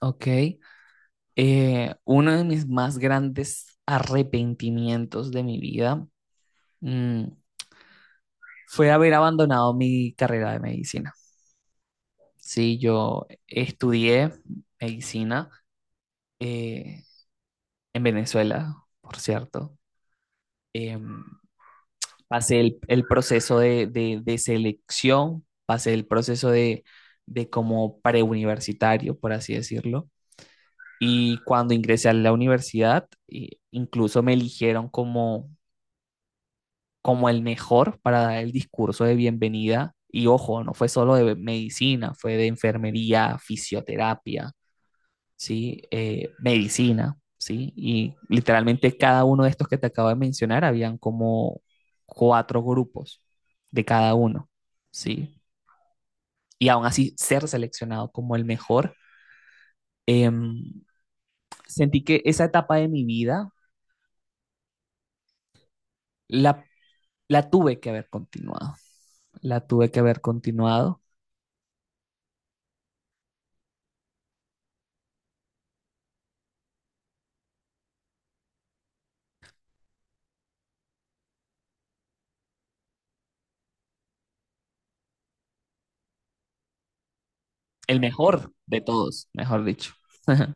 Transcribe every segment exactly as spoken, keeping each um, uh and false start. Ok, eh, uno de mis más grandes arrepentimientos de mi vida mm, fue haber abandonado mi carrera de medicina. Sí, yo estudié medicina eh, en Venezuela, por cierto. Em, pasé el, el proceso de, de- de selección, pasé el proceso de, de como preuniversitario, por así decirlo. Y cuando ingresé a la universidad, eh, incluso me eligieron como como el mejor para dar el discurso de bienvenida. Y ojo, no fue solo de medicina, fue de enfermería, fisioterapia, ¿sí? ¿Eh, medicina, sí? Y literalmente cada uno de estos que te acabo de mencionar, habían como cuatro grupos de cada uno, ¿sí? Y aún así ser seleccionado como el mejor, eh, sentí que esa etapa de mi vida la, la tuve que haber continuado, la tuve que haber continuado. El mejor de todos, mejor dicho.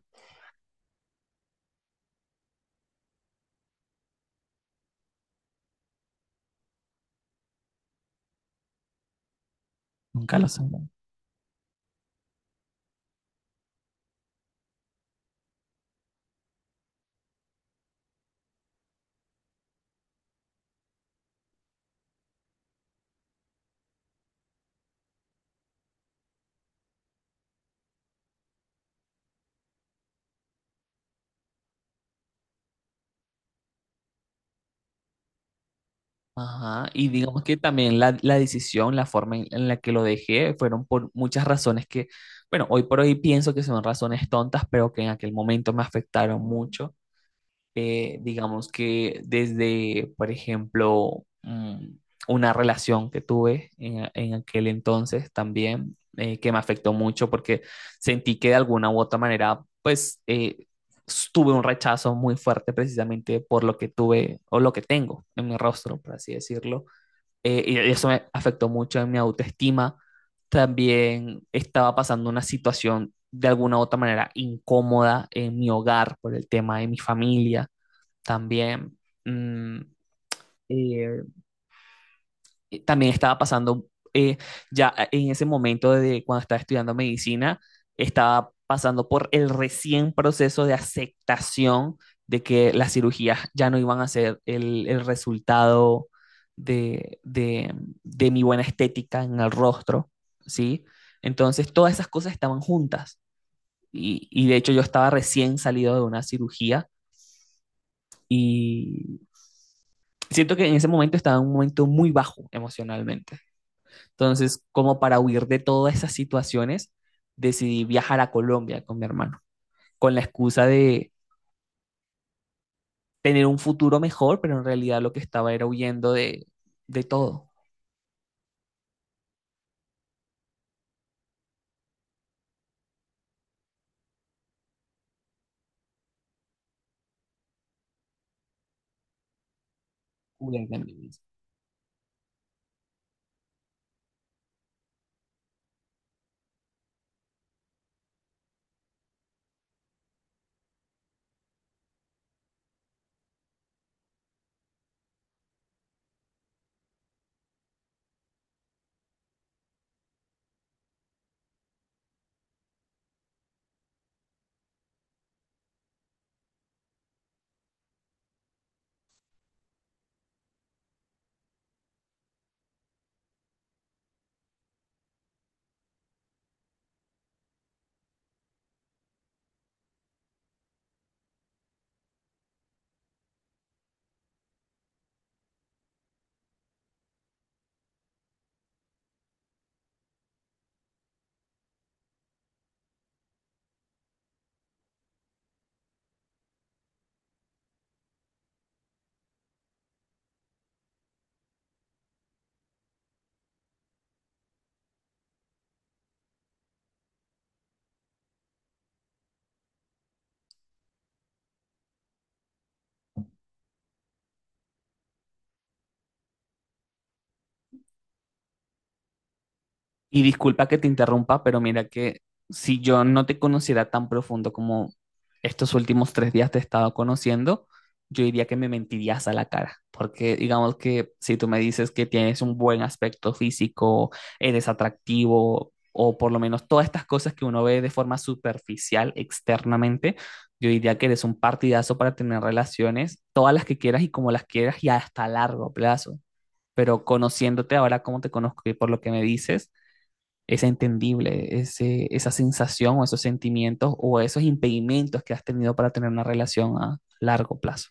Nunca lo sabrán. Ajá, y digamos que también la, la decisión, la forma en, en la que lo dejé, fueron por muchas razones que, bueno, hoy por hoy pienso que son razones tontas, pero que en aquel momento me afectaron mucho. Eh, digamos que desde, por ejemplo, mm, una relación que tuve en, a- en aquel entonces también, eh, que me afectó mucho porque sentí que de alguna u otra manera, pues, eh, s- tuve un rechazo muy fuerte precisamente por lo que tuve o lo que tengo en mi rostro, por así decirlo. Eh, y eso me afectó mucho en mi autoestima. También estaba pasando una situación de alguna u otra manera incómoda en mi hogar por el tema de mi familia también. mm, eh, y también estaba pasando, eh, ya en ese momento de cuando estaba estudiando medicina, estaba pasando por el recién proceso de aceptación de que las cirugías ya no iban a ser el, el resultado de, de, de mi buena estética en el rostro, ¿sí? Entonces todas esas cosas estaban juntas y, y de hecho yo estaba recién salido de una cirugía y, siento que en ese momento estaba en un momento muy bajo emocionalmente. Entonces, como para huir de todas esas situaciones, decidí viajar a Colombia con mi hermano, con la excusa de tener un futuro mejor, pero en realidad lo que estaba era huyendo de, de todo. Huyendo de mí mismo. Y disculpa que te interrumpa, pero mira que si yo no te conociera tan profundo como estos últimos tres días te he estado conociendo, yo diría que me mentirías a la cara, porque digamos que si tú me dices que tienes un buen aspecto físico, eres atractivo, o por lo menos todas estas cosas que uno ve de forma superficial externamente, yo diría que eres un partidazo para tener relaciones, todas las que quieras y como las quieras y hasta a largo plazo. Pero conociéndote ahora como te conozco y por lo que me dices, es entendible ese, esa sensación o esos sentimientos o esos impedimentos que has tenido para tener una relación a largo plazo,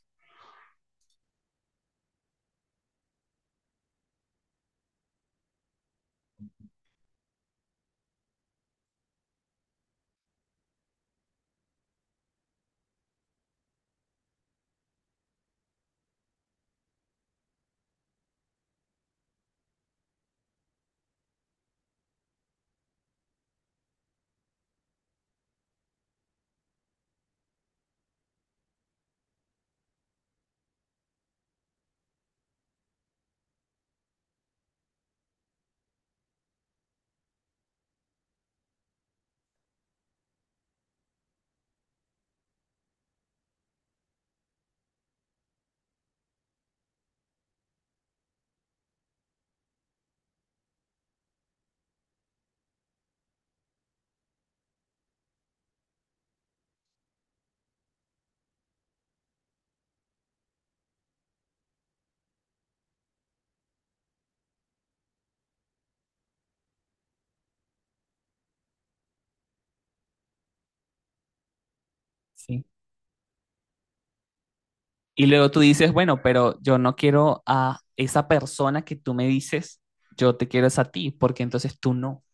¿sí? Y luego tú dices, bueno, pero yo no quiero a esa persona que tú me dices, yo te quiero es a ti, porque entonces tú no.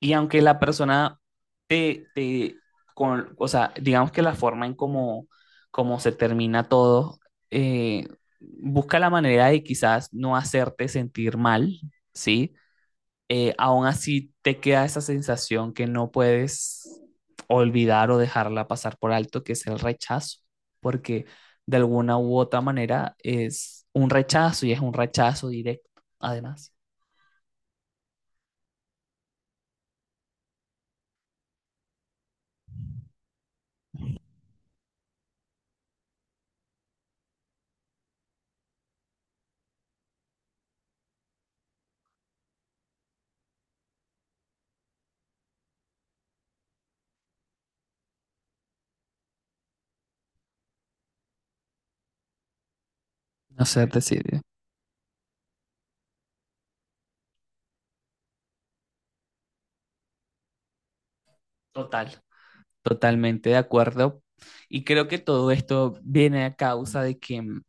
Y aunque la persona te, te con, o sea, digamos que la forma en cómo, cómo se termina todo, eh, busca la manera de quizás no hacerte sentir mal, ¿sí? Eh, aún así te queda esa sensación que no puedes olvidar o dejarla pasar por alto, que es el rechazo, porque de alguna u otra manera es un rechazo y es un rechazo directo, además. No sé, decidio. Total, totalmente de acuerdo. Y creo que todo esto viene a causa de que mm,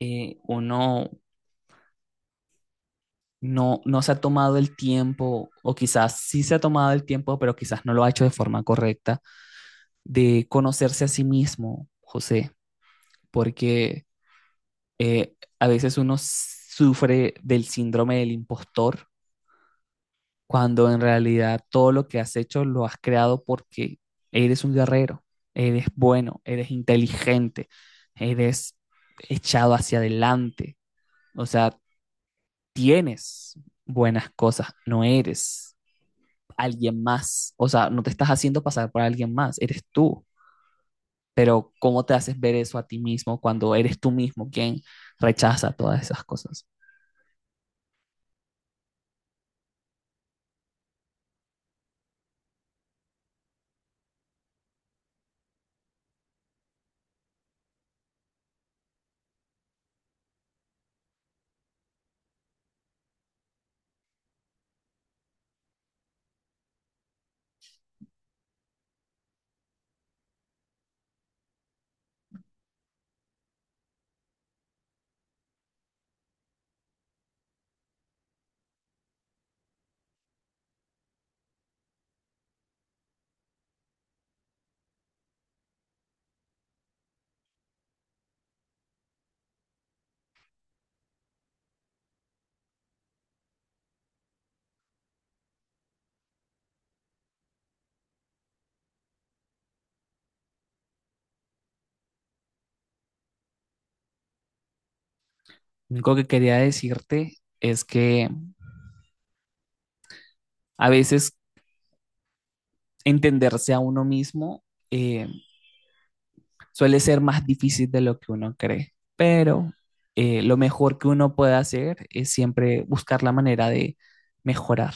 eh, uno no, no se ha tomado el tiempo, o quizás sí se ha tomado el tiempo, pero quizás no lo ha hecho de forma correcta de conocerse a sí mismo, José, porque eh, a veces uno sufre del síndrome del impostor cuando en realidad todo lo que has hecho lo has creado porque eres un guerrero, eres bueno, eres inteligente, eres echado hacia adelante, o sea, tienes buenas cosas, no eres alguien más, o sea, no te estás haciendo pasar por alguien más, eres tú. Pero, ¿cómo te haces ver eso a ti mismo cuando eres tú mismo quien rechaza todas esas cosas? Lo único que quería decirte es que a veces entenderse a uno mismo eh, suele ser más difícil de lo que uno cree, pero eh, lo mejor que uno puede hacer es siempre buscar la manera de mejorar.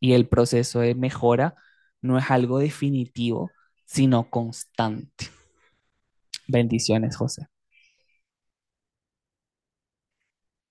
Y el proceso de mejora no es algo definitivo, sino constante. Bendiciones, José.